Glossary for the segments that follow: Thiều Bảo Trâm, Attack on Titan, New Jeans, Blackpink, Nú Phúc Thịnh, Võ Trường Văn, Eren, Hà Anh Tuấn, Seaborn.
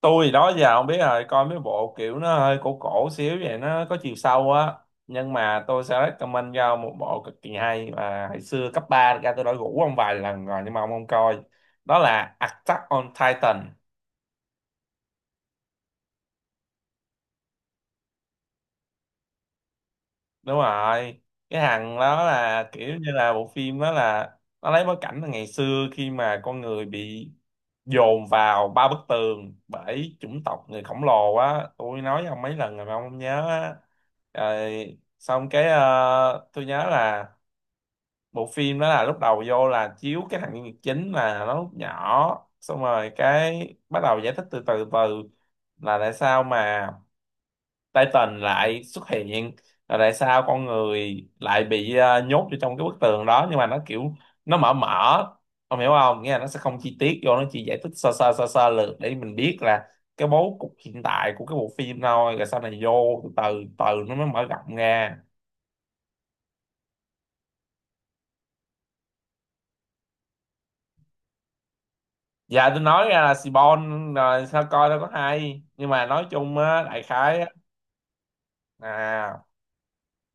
Tôi đó giờ không biết, rồi coi mấy bộ kiểu nó hơi cổ cổ xíu vậy, nó có chiều sâu á. Nhưng mà tôi sẽ recommend cho ông một bộ cực kỳ hay mà hồi xưa cấp 3 ra tôi đã rủ ông vài lần rồi nhưng mà ông không coi. Đó là Attack on Titan. Đúng rồi. Cái hàng đó là kiểu như là bộ phim đó là, nó lấy bối cảnh là ngày xưa khi mà con người bị dồn vào ba bức tường bởi chủng tộc người khổng lồ á. Tôi nói với ông mấy lần rồi mà ông không nhớ á. Rồi xong cái tôi nhớ là bộ phim đó là lúc đầu vô là chiếu cái thằng nhân vật chính là nó lúc nhỏ, xong rồi cái bắt đầu giải thích từ từ từ là tại sao mà Titan lại xuất hiện, rồi tại sao con người lại bị nhốt vô trong cái bức tường đó. Nhưng mà nó kiểu nó mở mở, ông hiểu không, nghĩa là nó sẽ không chi tiết vô, nó chỉ giải thích sơ sơ sơ sơ lược để mình biết là cái bố cục hiện tại của cái bộ phim thôi, rồi sau này vô từ từ từ nó mới mở rộng ra. Dạ tôi nói ra là Seaborn rồi sao coi đâu có hay, nhưng mà nói chung á đại khái á, à,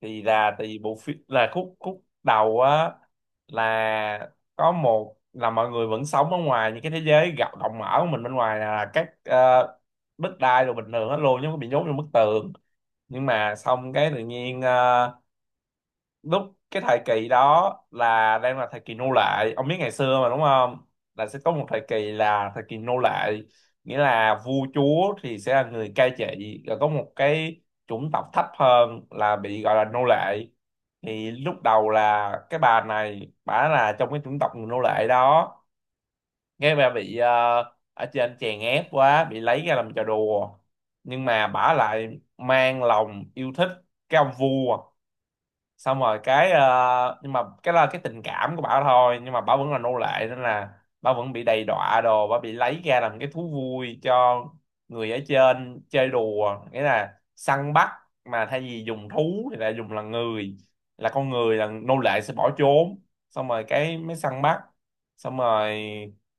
thì là tại vì bộ phim là khúc khúc đầu á, là có một là mọi người vẫn sống ở ngoài những cái thế giới gặp rộng mở của mình, bên ngoài là các đất đai rồi bình thường hết luôn, chứ không có bị nhốt trong bức tường. Nhưng mà xong cái tự nhiên lúc cái thời kỳ đó là đang là thời kỳ nô lệ, ông biết ngày xưa mà đúng không, là sẽ có một thời kỳ là thời kỳ nô lệ, nghĩa là vua chúa thì sẽ là người cai trị, rồi có một cái chủng tộc thấp hơn là bị gọi là nô lệ. Thì lúc đầu là cái bà này, bà là trong cái chủng tộc người nô lệ đó, nghe bà bị ở trên chèn ép quá, bị lấy ra làm trò đùa, nhưng mà bà lại mang lòng yêu thích cái ông vua. Xong rồi cái nhưng mà cái là cái tình cảm của bảo thôi, nhưng mà bảo vẫn là nô lệ nên là bảo vẫn bị đầy đọa đồ, bảo bị lấy ra làm cái thú vui cho người ở trên chơi đùa, nghĩa là săn bắt, mà thay vì dùng thú thì lại dùng là người, là con người là nô lệ sẽ bỏ trốn, xong rồi cái mới săn bắt. Xong rồi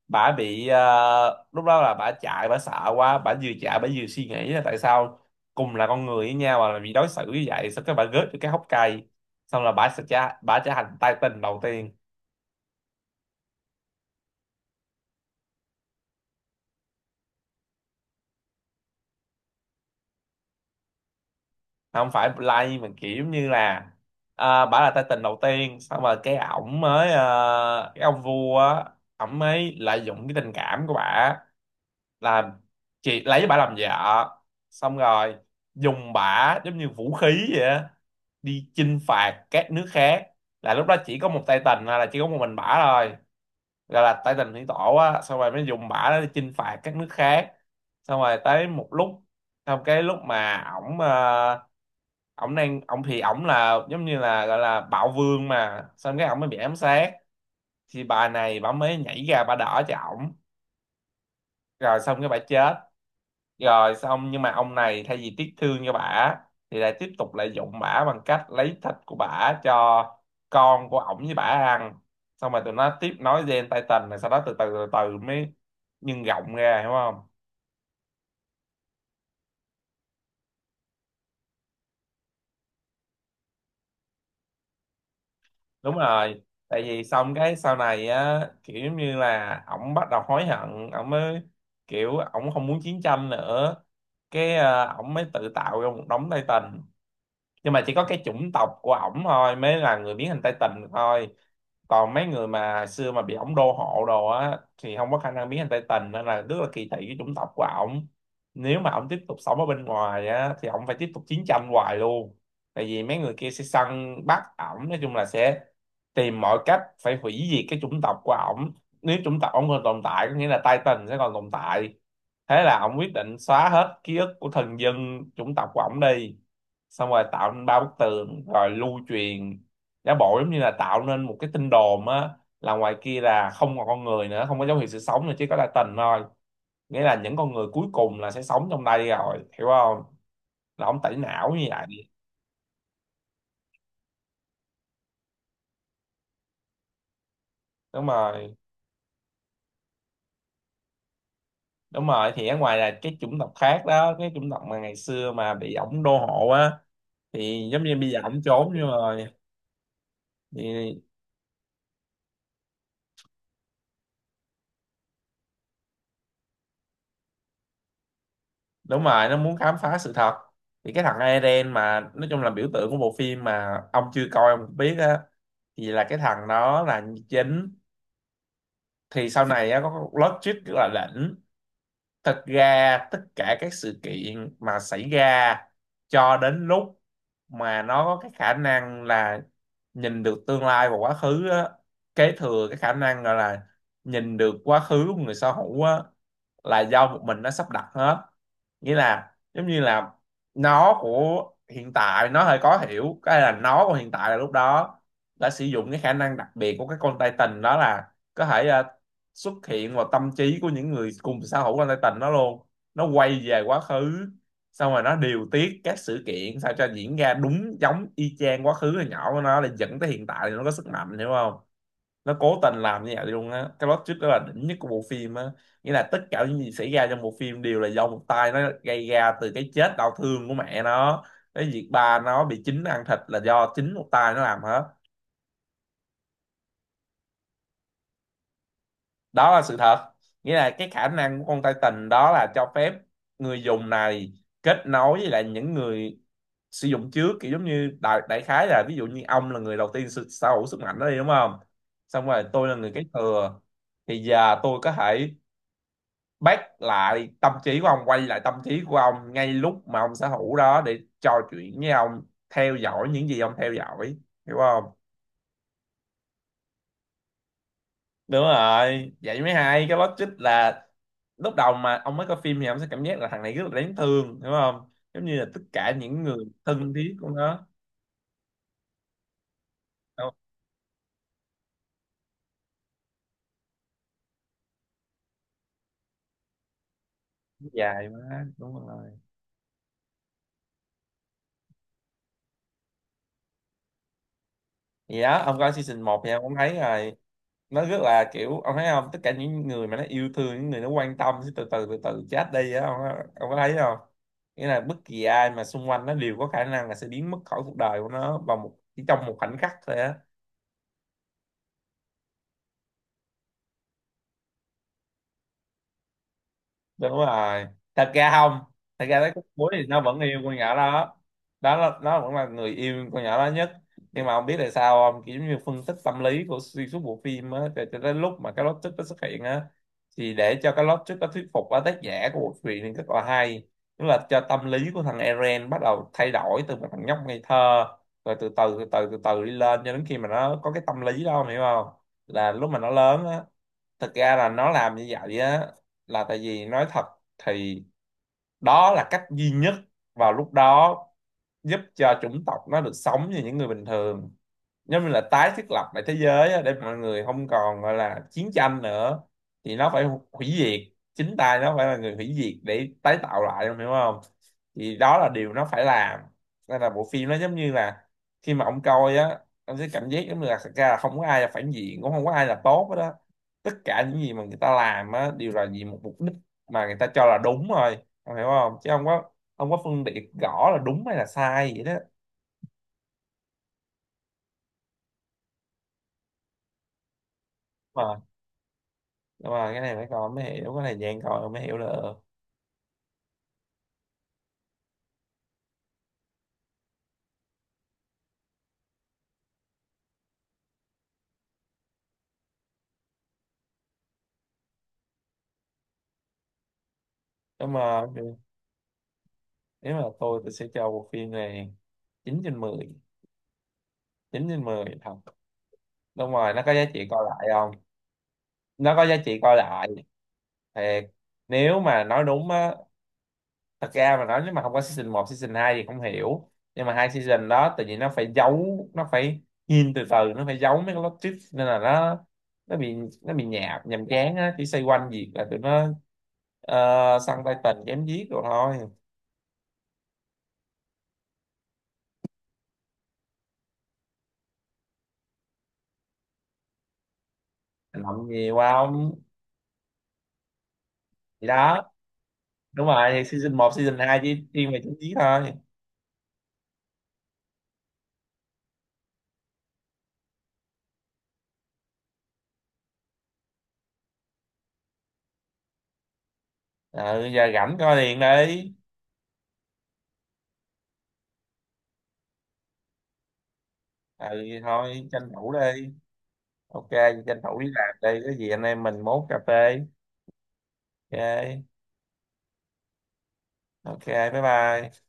bả bị lúc đó là bả chạy, bả sợ quá, bả vừa chạy bả vừa suy nghĩ là tại sao cùng là con người với nhau mà bị đối xử như vậy, sao cái bả rớt được cái hốc cây, xong là bà trở thành Titan đầu tiên. Không phải Blade mà kiểu như là, à, bà là Titan đầu tiên. Xong rồi cái ổng mới cái ông vua á, ổng mới lợi dụng cái tình cảm của bà, là chị lấy bà làm vợ, xong rồi dùng bà giống như vũ khí vậy á, đi chinh phạt các nước khác. Là lúc đó chỉ có một Titan, hay là chỉ có một mình bả thôi, gọi là tay tình thủy tổ á, xong rồi mới dùng bả đó để chinh phạt các nước khác. Xong rồi tới một lúc, xong cái lúc mà ổng ờ, ổng đang ổng thì ổng là giống như là gọi là bạo vương mà, xong cái ổng mới bị ám sát, thì bà này bà mới nhảy ra bà đỡ cho ổng, rồi xong cái bà chết. Rồi xong nhưng mà ông này thay vì tiếc thương cho bả thì lại tiếp tục lại dụng bả bằng cách lấy thịt của bả cho con của ổng với bả ăn, xong rồi tụi nó tiếp nối gen tay Titan, rồi sau đó từ từ từ từ mới nhân rộng ra, hiểu không. Đúng rồi, tại vì xong cái sau này á kiểu giống như là ổng bắt đầu hối hận, ổng mới kiểu ổng không muốn chiến tranh nữa, cái ổng mới tự tạo ra một đống tay Titan, nhưng mà chỉ có cái chủng tộc của ổng thôi mới là người biến hình Tây Tình thôi, còn mấy người mà xưa mà bị ổng đô hộ đồ á thì không có khả năng biến thành Tây Tình, nên là rất là kỳ thị cái chủng tộc của ổng. Nếu mà ổng tiếp tục sống ở bên ngoài á thì ổng phải tiếp tục chiến tranh hoài luôn, tại vì mấy người kia sẽ săn bắt ổng, nói chung là sẽ tìm mọi cách phải hủy diệt cái chủng tộc của ổng. Nếu chủng tộc ổng còn tồn tại có nghĩa là Titan sẽ còn tồn tại. Thế là ổng quyết định xóa hết ký ức của thần dân chủng tộc của ổng đi, xong rồi tạo nên ba bức tường rồi lưu truyền, giả bộ giống như là tạo nên một cái tin đồn á, là ngoài kia là không còn con người nữa, không có dấu hiệu sự sống nữa, chỉ có là tình thôi, nghĩa là những con người cuối cùng là sẽ sống trong đây rồi, hiểu không, là ông tẩy não như vậy. Đúng rồi. Đúng rồi, thì ở ngoài là cái chủng tộc khác đó, cái chủng tộc mà ngày xưa mà bị ổng đô hộ á. Thì giống như bây giờ ổng trốn nhưng rồi thì, đúng rồi, nó muốn khám phá sự thật. Thì cái thằng Eren mà nói chung là biểu tượng của bộ phim mà ông chưa coi ông cũng biết á, thì là cái thằng đó là chính, thì sau này á có plot twist rất là đỉnh. Thật ra tất cả các sự kiện mà xảy ra cho đến lúc mà nó có cái khả năng là nhìn được tương lai và quá khứ á, kế thừa cái khả năng gọi là nhìn được quá khứ của người sở hữu á, là do một mình nó sắp đặt hết. Nghĩa là giống như là, nó của hiện tại nó hơi khó hiểu, cái là nó của hiện tại là lúc đó đã sử dụng cái khả năng đặc biệt của cái con Titan đó, là có thể xuất hiện vào tâm trí của những người cùng sở hữu con Titan đó luôn. Nó quay về quá khứ, xong rồi nó điều tiết các sự kiện sao cho diễn ra đúng giống y chang quá khứ hồi nhỏ của nó, để dẫn tới hiện tại thì nó có sức mạnh, hiểu không. Nó cố tình làm như vậy luôn á, cái plot twist đó là đỉnh nhất của bộ phim á. Nghĩa là tất cả những gì xảy ra trong bộ phim đều là do một tay nó gây ra, từ cái chết đau thương của mẹ nó, cái việc ba nó bị chính ăn thịt là do chính một tay nó làm hết. Đó là sự thật. Nghĩa là cái khả năng của con Titan đó là cho phép người dùng này kết nối với lại những người sử dụng trước, kiểu giống như đại khái là ví dụ như ông là người đầu tiên sở sở hữu sức mạnh đó đi đúng không, xong rồi tôi là người kế thừa, thì giờ tôi có thể bắt lại tâm trí của ông, quay lại tâm trí của ông ngay lúc mà ông sở hữu đó để trò chuyện với ông, theo dõi những gì ông theo dõi, hiểu không. Đúng rồi, vậy mới hay, cái logic là lúc đầu mà ông mới coi phim thì ông sẽ cảm giác là thằng này rất là đáng thương đúng không, giống như là tất cả những người thân thiết của nó. Đâu, dài quá đúng rồi, gì đó. Ông coi season 1 thì ông cũng thấy rồi, nó rất là kiểu, ông thấy không, tất cả những người mà nó yêu thương, những người nó quan tâm sẽ từ từ từ từ chết đi á, ông có thấy không. Nghĩa là bất kỳ ai mà xung quanh nó đều có khả năng là sẽ biến mất khỏi cuộc đời của nó vào một, chỉ trong một khoảnh khắc thôi á. Đúng rồi, thật ra không, thật ra tới khúc cuối thì nó vẫn yêu con nhỏ đó. Đó là, nó vẫn là người yêu con nhỏ đó nhất, nhưng mà không biết tại sao không, kiểu giống như phân tích tâm lý của xuyên suốt bộ phim á, cho đến lúc mà cái plot twist nó xuất hiện á. Thì để cho cái plot twist nó thuyết phục á, tác giả của bộ truyện thì rất là hay, tức là cho tâm lý của thằng Eren bắt đầu thay đổi từ một thằng nhóc ngây thơ rồi từ từ từ từ từ từ đi lên cho đến khi mà nó có cái tâm lý đó, ông hiểu không, là lúc mà nó lớn á. Thực ra là nó làm như vậy á là tại vì nói thật thì đó là cách duy nhất vào lúc đó giúp cho chủng tộc nó được sống như những người bình thường, giống như là tái thiết lập lại thế giới á, để mọi người không còn gọi là chiến tranh nữa, thì nó phải hủy diệt, chính tay nó phải là người hủy diệt để tái tạo lại, em hiểu không. Thì đó là điều nó phải làm. Nên là bộ phim nó giống như là, khi mà ông coi á, ông sẽ cảm giác giống như là thật ra là không có ai là phản diện, cũng không có ai là tốt hết đó, tất cả những gì mà người ta làm á đều là vì một mục đích mà người ta cho là đúng thôi, em hiểu không, chứ không có, không có phân biệt rõ là đúng hay là sai vậy đó. Mà nhưng mà cái này phải coi mới hiểu, cái này dạng coi rồi mới hiểu được. Nhưng mà nếu mà tôi sẽ cho bộ phim này 9/10, 9/10 thật. Đúng rồi, nó có giá trị coi lại không, nó có giá trị coi lại thiệt. Nếu mà nói đúng á, thật ra mà nói nếu mà không có season 1 season 2 thì không hiểu, nhưng mà hai season đó tự nhiên nó phải giấu, nó phải hin từ từ, nó phải giấu mấy cái plot twist nên là nó, nó bị nó bị nhạt nhàm chán á, chỉ xoay quanh việc là tụi nó săn tay tình chém giết rồi thôi. Làm gì qua ông, gì đó. Đúng rồi, thì season 1 season 2 chỉ thiên về chính trí thôi. Ừ, giờ rảnh coi liền đi. Ừ thì thôi tranh thủ đi. Ok, tranh thủ đi làm đi, có gì anh em mình mốt cà phê. Ok. Ok, bye bye.